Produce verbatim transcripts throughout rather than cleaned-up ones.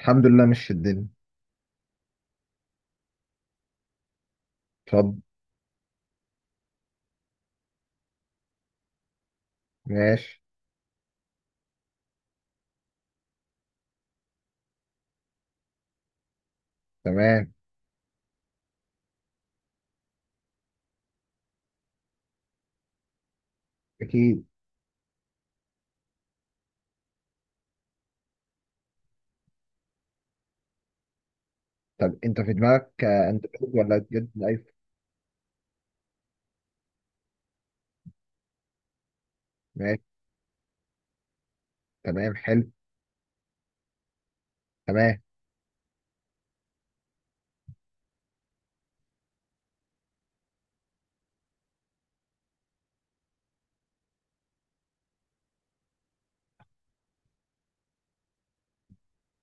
الحمد لله مش الدنيا. اتفضل. ماشي. تمام. اكيد. طب انت في دماغك آه، اندرويد ولا جد ايفون؟ ماشي. تمام حلو. تمام.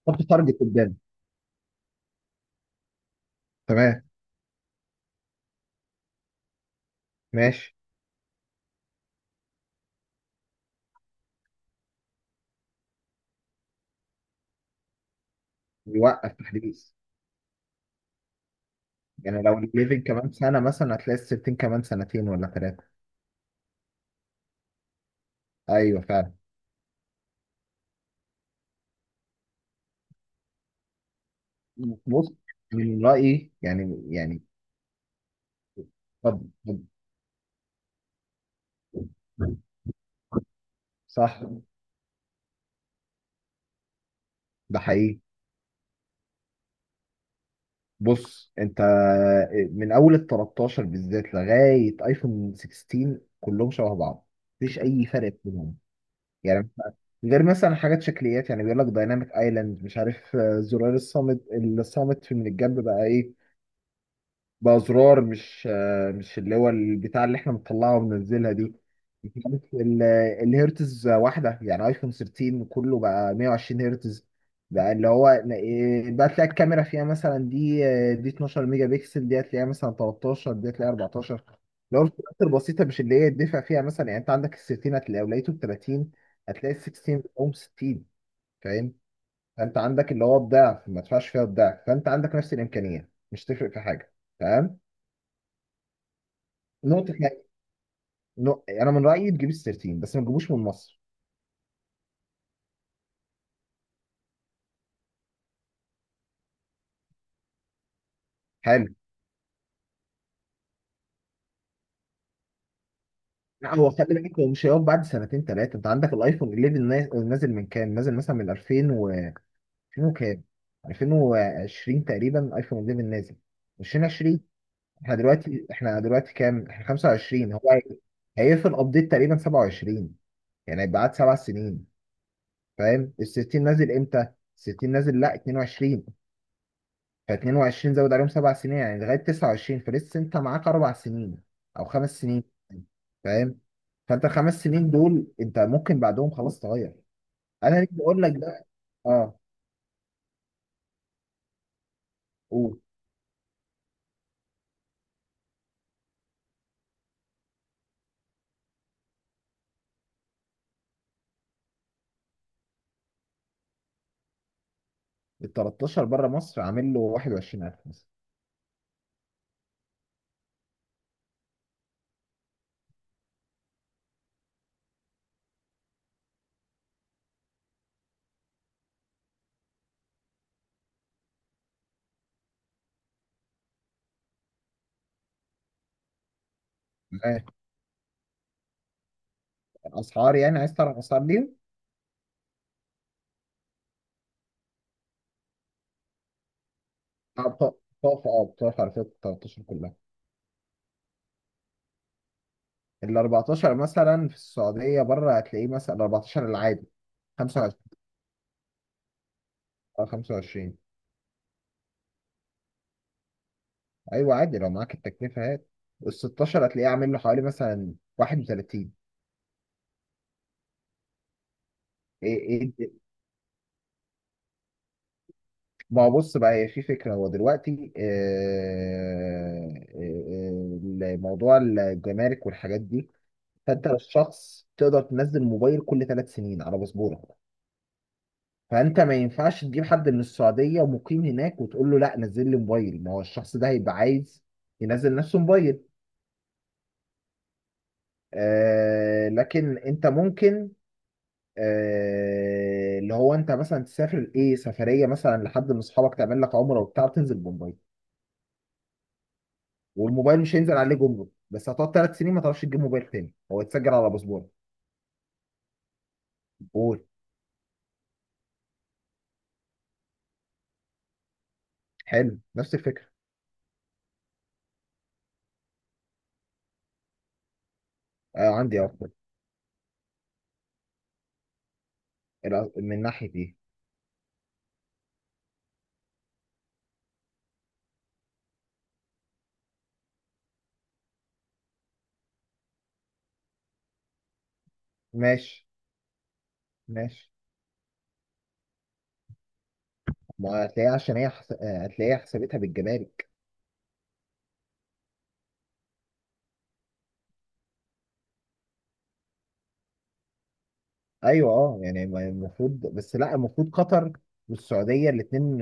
حط تارجت قدام. تمام. ماشي. يوقف تحديث، يعني لو الليفنج كمان سنه مثلا هتلاقي السيفتين كمان سنتين ولا ثلاثه. ايوه فعلا. بص، من رايي يعني يعني. اتفضل اتفضل. صح. ده حقيقي. بص انت، آه، من اول ال ثلاثة عشر بالذات لغايه ايفون ستاشر كلهم شبه بعض، مفيش اي فرق بينهم يعني، غير مثلا حاجات شكليات، يعني بيقول لك دايناميك ايلاند، مش عارف، آه، زرار الصامت. الصامت في من الجنب بقى ايه، بأزرار مش آه، مش اللي هو البتاع اللي احنا بنطلعها وبننزلها دي. كانت ال- الهرتز واحدة، يعني ايفون تلتاشر كله بقى مائة وعشرين هرتز. بقى اللي هو إيه، بقى تلاقي الكاميرا فيها مثلا دي، آه، دي اتناشر ميجا بكسل، دي هتلاقيها مثلا تلتاشر، دي هتلاقيها اربعتاشر لو الفئات البسيطة، مش اللي هي يدفع فيها مثلا. يعني انت عندك ال تلتاشر هتلاقي لو لقيته ب ثلاثين، هتلاقي ال ستاشر بتقوم ستين. فاهم؟ فانت عندك اللي هو الضعف، ما تدفعش فيها الضعف، فانت عندك نفس الإمكانية، مش تفرق في حاجة. تمام. نقطة يعني، نق- أنا من رأيي تجيب ال تلتاشر بس ما تجيبوش من مصر. حلو. لا، هو خلي بالك، هو مش هيقف بعد سنتين ثلاثة. أنت عندك الأيفون حداشر ناز- نازل من كام؟ نازل مثلا من الفين و الفين وكام؟ الفين وعشرين تقريبا أيفون احد عشر نازل، الفين وعشرين. احنا دلوقتي احنا دلوقتي كام؟ احنا خمسه وعشرين، هو هي- هيقفل أبديت تقريبا سبعه وعشرين، يعني هيبقى قعد سبع سنين. فاهم؟ ال ستة عشر نازل إمتى؟ ال ستة عشر نازل لا اتنين وعشرين. ف22 زود عليهم سبع سنين، يعني لغايه تسعة وعشرين، فلسه انت معاك اربع سنين او خمس سنين. فاهم؟ فانت الخمس سنين دول انت ممكن بعدهم خلاص تغير. انا ليه بقول لك ده؟ اه، قول. ال تلتاشر بره مصر عامل له واحد وعشرين الف مثلا. آه، اسعار، يعني عايز تعرف اسعار ليهم؟ آه، بط- بتقف اه بتقف على فكره تلتاشر كلها. ال اربعتاشر مثلا في السعوديه بره هتلاقيه مثلا ال اربعتاشر العادي خمسة وعشرين. اه خمسه وعشرين. ايوه عادي، لو معاك التكلفه هات. ال ستاشر هتلاقيه عامل له حوالي مثلا واحد وثلاثين. إيه إيه إيه. ما هو بص بقى، هي في فكره، هو دلوقتي آه، آه، آه، موضوع الجمارك والحاجات دي. فانت الشخص تقدر تنزل موبايل كل ثلاث سنين على باسبورك. فانت ما ينفعش تجيب حد من السعوديه ومقيم هناك وتقول له لا نزل لي موبايل، ما هو الشخص ده هيبقى عايز ينزل نفسه موبايل. آه لكن انت ممكن آه، اللي هو انت مثلا تسافر ايه سفريه مثلا لحد من اصحابك، تعمل لك عمره وبتاع وتنزل بموبايل. والموبايل مش هينزل عليه جمرك، بس هتقعد ثلاث سنين ما تعرفش تجيب موبايل تاني، هو يتسجل على باسبورك. قول. حلو، نفس الفكره. آه عندي افكار. الأ- من ناحيه دي. ماشي. ماشي، ما هتلاقيها عشان هي حس... آه، هتلاقيها حسابتها بالجمارك. ايوه اه، يعني ما- المفروض، بس لا، المفروض قطر والسعوديه الاثنين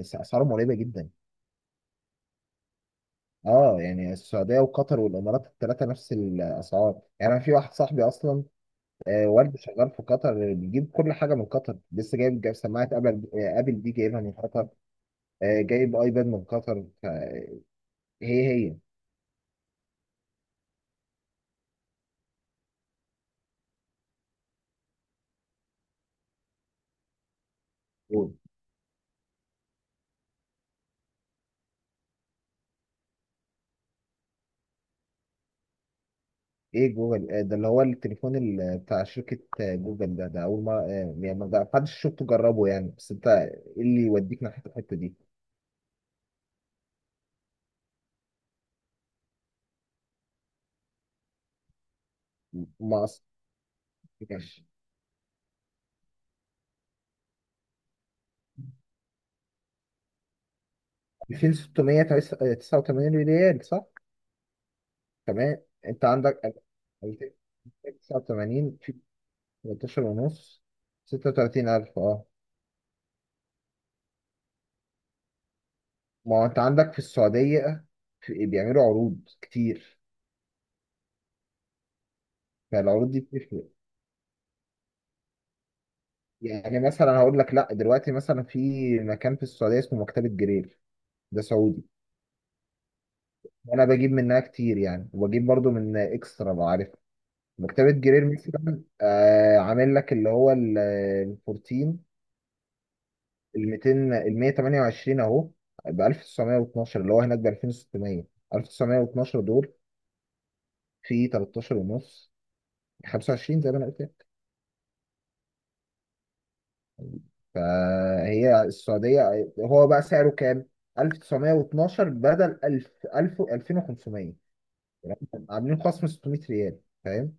اسعارهم قريبه جدا. اه، يعني السعوديه وقطر والامارات الثلاثه نفس الاسعار، يعني انا في واحد صاحبي اصلا آه، والده شغال في قطر، بيجيب كل حاجه من قطر، لسه جايب جايب سماعه ابل، آه، ابل دي جايبها من قطر، آه، جايب ايباد من قطر ف- هي هي. جوجل. ايه جوجل؟ آه، ده اللي هو التليفون ال- بتاع شركه آه، جوجل ده ده اول ما آه، يعني ما حدش شفته جربه يعني، بس انت ايه اللي يوديك ناحيه الحته دي؟ ما اصلا. ماشي. الفين وستمية تسعه وتمانين ريال، صح. تمام انت عندك تسعة وثمانين في تلتاشر ونص، ستة وتلاتين الف، اه. ما هو انت عندك في السعودية في بيعملوا عروض كتير، فالعروض دي بتفرق. يعني مثلا هقول لك لا، دلوقتي مثلا في مكان في السعودية اسمه مكتبة جرير، ده سعودي. وانا بجيب منها كتير يعني، وبجيب برضو من اكسترا لو عارف. مكتبة جرير مثلا آه عامل لك اللي هو ال أربعتاشر، ال اربعتاشر ال ميتين ال مية وتمانيه وعشرين اهو ب الف وتسعمية واتناشر، اللي هو هناك ب الفين وستمية. الف وتسعمية واتناشر دول في تلتاشر ونص، خمسه وعشرين، زي ما انا قلت لك. فهي السعوديه هو بقى سعره كام؟ الف وتسعمية واتناشر بدل الف الف ألفين وخمسمائة، يعني عاملين خصم ستمية ريال. فاهم؟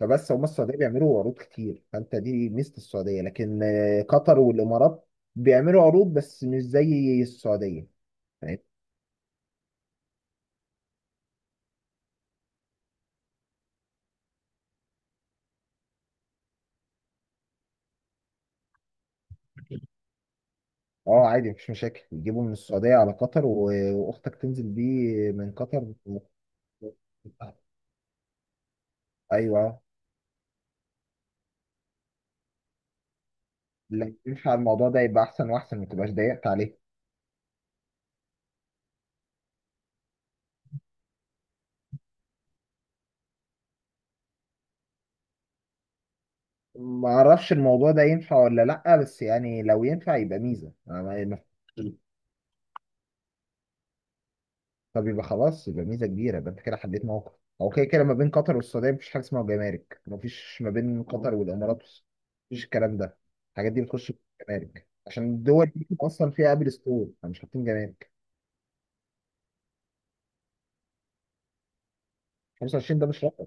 فبس هم السعوديه بيعملوا عروض كتير، فانت دي ميزه السعوديه، لكن آه، قطر والامارات بيعملوا عروض بس مش زي السعوديه. فاهم؟ اه عادي مفيش مشاكل، يجيبوا من السعوديه على قطر و- واختك تنزل بيه من قطر. ايوه. لو ينفع الموضوع ده يبقى احسن واحسن، ما تبقاش ضيقت عليه. ما اعرفش الموضوع ده ينفع ولا لا، بس يعني لو ينفع يبقى ميزه. أنا ما- ما- طب يبقى خلاص، يبقى ميزه كبيره، يبقى انت كده حددت موقف. هو كده كده ما بين قطر والسعوديه مفيش حاجه اسمها جمارك، مفيش ما بين قطر والامارات والس- مفيش الكلام ده. الحاجات دي بتخش في الجمارك عشان الدول دي اصلا فيها ابل ستور، فمش حاطين جمارك. خمسه وعشرين ده مش رقم،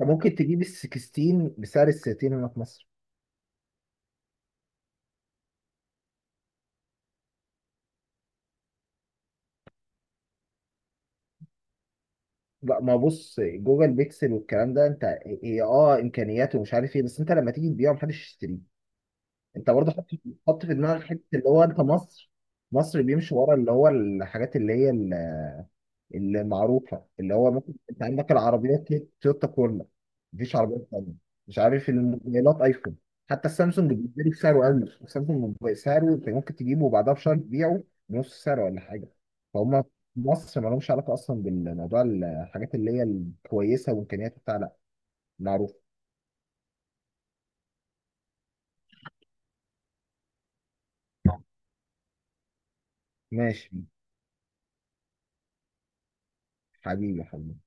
انت ممكن تجيب ال ستاشر بسعر ال تلاتين هنا في مصر. لا ما بص، جوجل بيكسل والكلام ده، انت، هي اه امكانياته ومش عارف ايه، بس انت لما تيجي تبيعه محدش يشتريه. انت برضه حط، حط في دماغك حته اللي هو انت مصر. مصر بيمشي ورا اللي هو الحاجات اللي هي المعروفه، اللي هو مثلا انت عندك العربيات دي تويوتا كورلا، مفيش عربيات ثانيه. مش عارف الموبايلات ايفون، حتى السامسونج بيتباع بسعره اقل، السامسونج بسعره انت ممكن تجيبه وبعدها بشهر تبيعه بنص سعره ولا حاجه. فهم في مصر ما لهمش علاقه اصلا بالموضوع، الحاجات اللي هي الكويسه وامكانيات بتاع، لا، معروف. ماشي. حبيبي حبيبي.